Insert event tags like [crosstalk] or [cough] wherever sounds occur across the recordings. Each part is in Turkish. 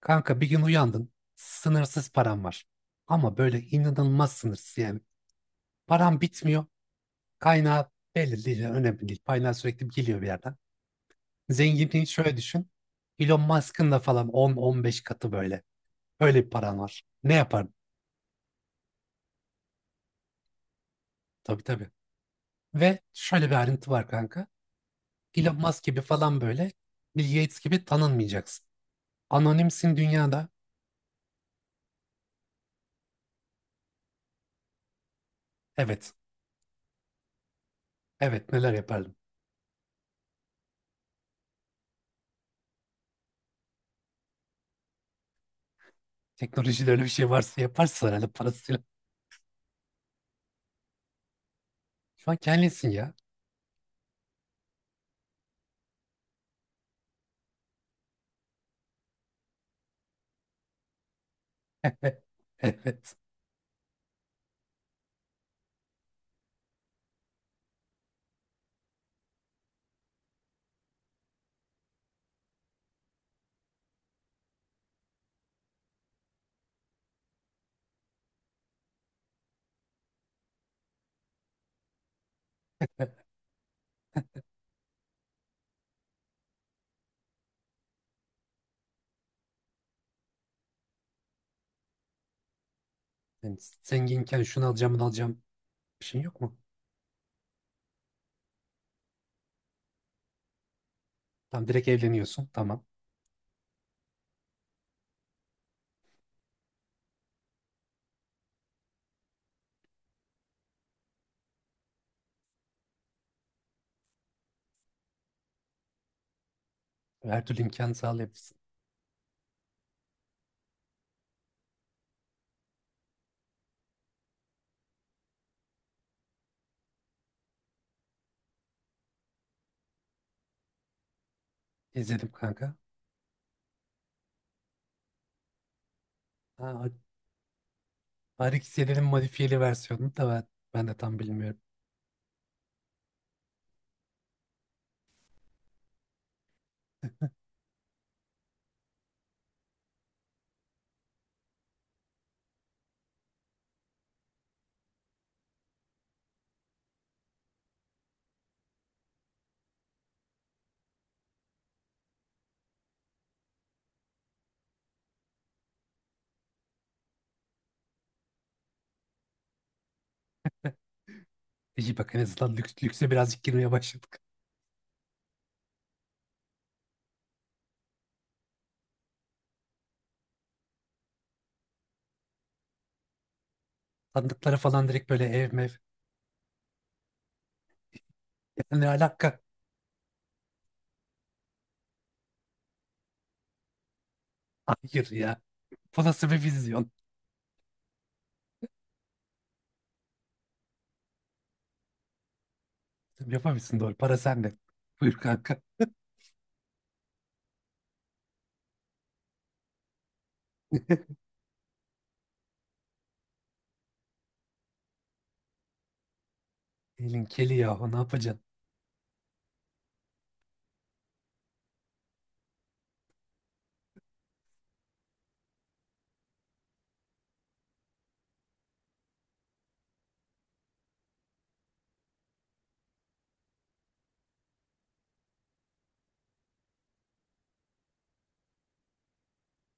Kanka bir gün uyandın, sınırsız param var. Ama böyle inanılmaz sınırsız yani. Param bitmiyor, kaynağı belli değil, yani önemli değil. Kaynağı sürekli geliyor bir yerden. Zenginliği şöyle düşün, Elon Musk'ın da falan 10-15 katı böyle. Öyle bir paran var. Ne yapardın? Tabii tabii. Ve şöyle bir ayrıntı var kanka. Elon Musk gibi falan böyle, Bill Gates gibi tanınmayacaksın. Anonimsin dünyada. Evet, evet neler yapardım. Teknolojide öyle bir şey varsa yaparsın herhalde parasıyla. Şu an kendisin ya. [laughs] Evet. Yani zenginken şunu alacağım bunu alacağım bir şey yok mu? Tam direkt evleniyorsun. Tamam. Her türlü imkanı sağlayabilirsin. İzledim kanka. Ha, Harik Selin'in modifiyeli versiyonunu da ben de tam bilmiyorum. İyi bak en azından lükse birazcık girmeye başladık. Sandıklara falan direkt böyle ev mev. Yani ne alaka? Hayır ya. Bu nasıl bir vizyon? Yapamıyorsun doğru. Para sende. Buyur kanka. Elin keli yahu ne yapacaksın?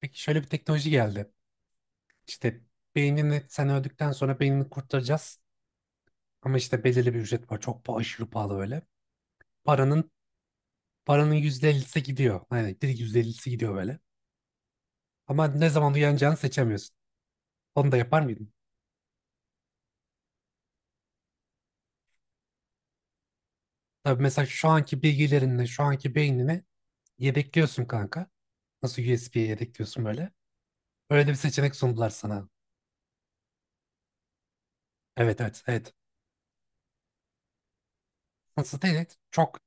Peki şöyle bir teknoloji geldi. İşte beynini sen öldükten sonra beynini kurtaracağız. Ama işte belirli bir ücret var. Çok aşırı pahalı böyle. Paranın paranın %50'si gidiyor. Aynen direkt %50'si gidiyor böyle. Ama ne zaman uyanacağını seçemiyorsun. Onu da yapar mıydın? Tabii mesela şu anki bilgilerinle, şu anki beynini yedekliyorsun kanka. Nasıl USB'ye yedekliyorsun böyle. Öyle bir seçenek sundular sana. Evet evet evet. Nasıl değil? Evet. Çok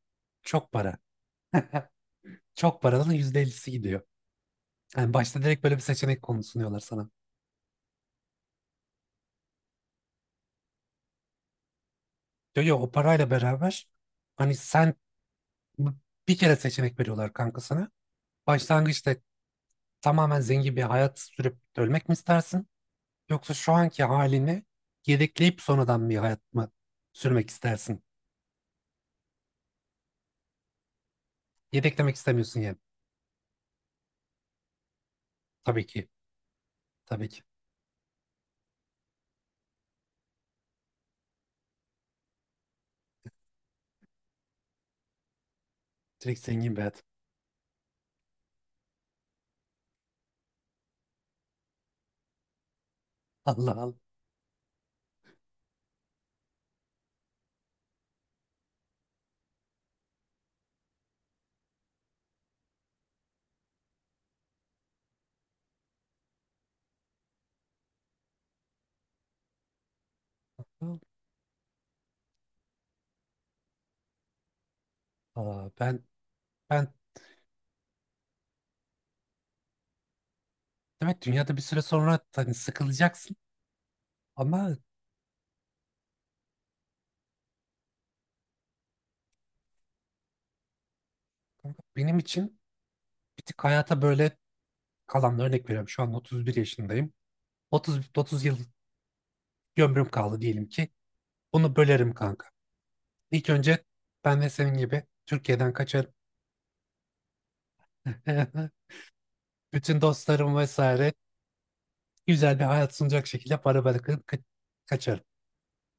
çok para. Çok paranın %50'si gidiyor. Yani başta direkt böyle bir seçenek konu sunuyorlar sana. Diyor ya o parayla beraber hani sen bir kere seçenek veriyorlar kanka sana. Başlangıçta tamamen zengin bir hayat sürüp ölmek mi istersin? Yoksa şu anki halini yedekleyip sonradan bir hayat mı sürmek istersin? Yedeklemek istemiyorsun yani. Tabii ki. Tabii ki. Direkt zengin bir hayat. [laughs] Allah Allah. Aa, ben ben demek dünyada bir süre sonra hani sıkılacaksın ama kanka benim için bir tık hayata böyle kalan örnek veriyorum. Şu an 31 yaşındayım. 30 yıl ömrüm kaldı diyelim ki. Bunu bölerim kanka. İlk önce ben de senin gibi Türkiye'den kaçarım. [laughs] Bütün dostlarım vesaire güzel bir hayat sunacak şekilde para bırakıp kaçarım.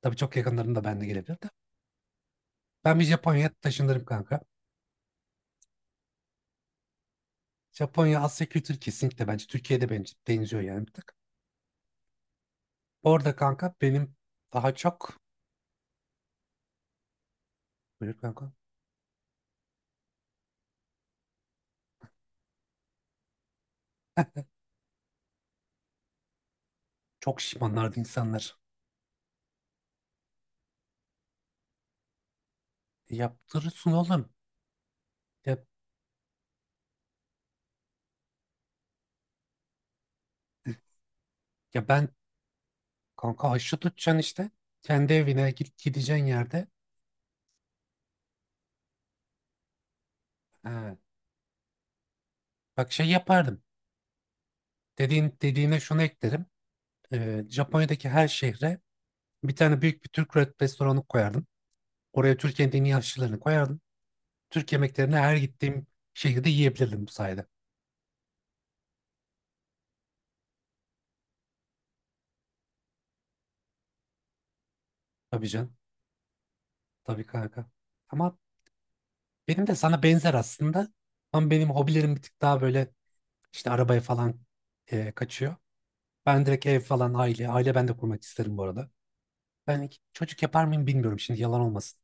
Tabii çok yakınlarında ben de gelebilir de. Ben bir Japonya'ya taşınırım kanka. Japonya Asya kültürü kesinlikle bence Türkiye'de bence benziyor yani bir tık. Orada kanka benim daha çok buyur kanka çok şişmanlardı insanlar. Yaptırırsın oğlum. Ya, ya ben kanka haşlı tutacaksın işte. Kendi evine git gideceğin yerde. Ha, bak şey yapardım. Dediğine şunu eklerim. Japonya'daki her şehre bir tane büyük bir Türk restoranı koyardım. Oraya Türkiye'nin en iyi aşçılarını koyardım. Türk yemeklerini her gittiğim şehirde yiyebilirdim bu sayede. Tabii can. Tabii kanka. Ama benim de sana benzer aslında. Ama benim hobilerim bir tık daha böyle işte arabaya falan kaçıyor. Ben direkt ev falan aile. Aile ben de kurmak isterim bu arada. Ben hiç çocuk yapar mıyım bilmiyorum şimdi yalan olmasın.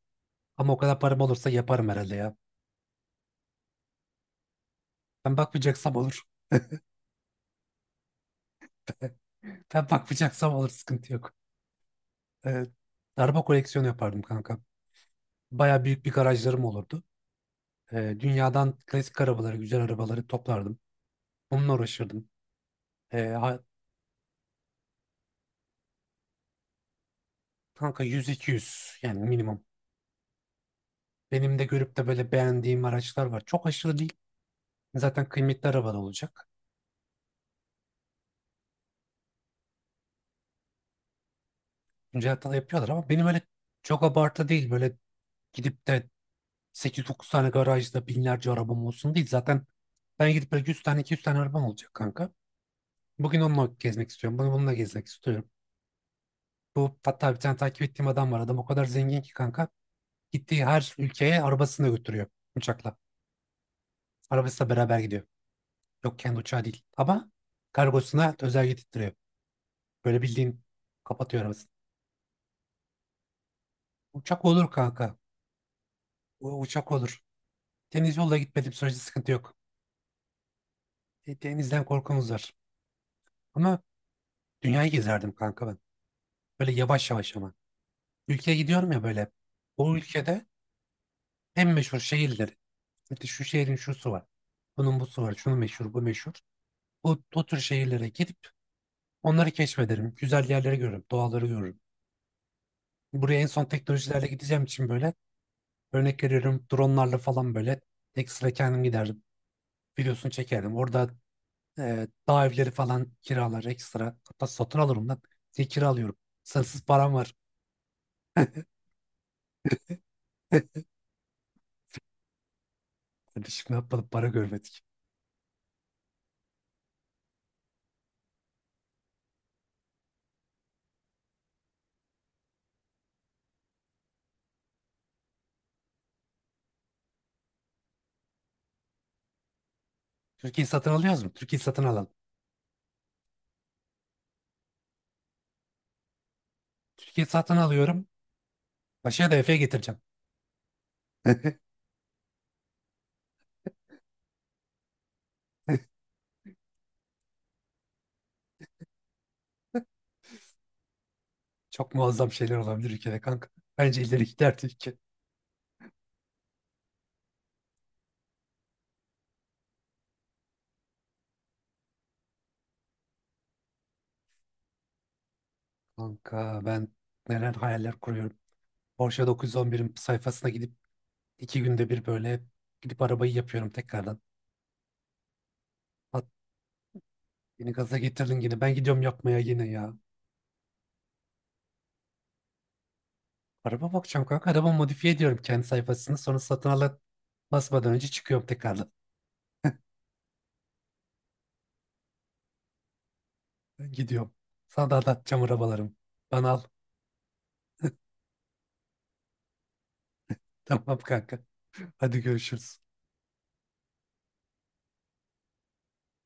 Ama o kadar param olursa yaparım herhalde ya. Ben bakmayacaksam olur. Ben bakmayacaksam alır, sıkıntı yok. Ee, araba koleksiyonu yapardım kanka. Baya büyük bir garajlarım olurdu. Dünyadan klasik arabaları, güzel arabaları toplardım. Onunla uğraşırdım. Ee, ha- kanka 100-200 yani minimum. Benim de görüp de böyle beğendiğim araçlar var. Çok aşırı değil. Zaten kıymetli araba da olacak. Güncel hata yapıyorlar ama benim öyle çok abartı değil. Böyle gidip de 8-9 tane garajda binlerce arabam olsun değil. Zaten ben gidip böyle 100 tane 200 tane arabam olacak kanka. Bugün onunla gezmek istiyorum. Bunu bununla gezmek istiyorum. Bu hatta bir tane takip ettiğim adam var. Adam o kadar zengin ki kanka. Gittiği her ülkeye arabasını da götürüyor uçakla. Arabasıyla beraber gidiyor. Yok kendi uçağı değil. Ama kargosuna özel getirtiyor. Böyle bildiğin kapatıyor arabasını. Uçak olur kanka. Uçak olur. Deniz yolla gitmediğim sürece sıkıntı yok. Denizden korkumuz var. Ama dünyayı gezerdim kanka ben. Böyle yavaş yavaş ama. Ülkeye gidiyorum ya böyle. O ülkede en meşhur şehirleri, İşte şu şehrin şusu var. Bunun busu var. Şunu meşhur, bu meşhur. O tür şehirlere gidip onları keşfederim. Güzel yerleri görürüm, doğaları görürüm. Buraya en son teknolojilerle gideceğim için böyle örnek veriyorum dronlarla falan böyle ekstra kendim giderdim. Videosunu çekerdim. Orada dağ evleri falan kiralar ekstra. Hatta satın alırım lan. Diye kira alıyorum. Sınırsız param var. Hadi şimdi yapmadık para görmedik. Türkiye'yi satın alıyoruz mu? Türkiye'yi satın alalım. Türkiye'yi satın alıyorum. Başa da Efe'ye getireceğim. Çok muazzam şeyler olabilir ülkede kanka. Bence ileri gider Türkiye. Kanka ben neler hayaller kuruyorum. Porsche 911'in sayfasına gidip 2 günde bir böyle gidip arabayı yapıyorum tekrardan. At, beni gaza getirdin yine. Ben gidiyorum yapmaya yine ya. Araba bakacağım kanka. Araba modifiye ediyorum kendi sayfasını. Sonra satın alan basmadan önce çıkıyorum tekrardan. Ben gidiyorum. Sana da anlatacağım arabalarımı. Bana al. [laughs] Tamam kanka. Hadi görüşürüz.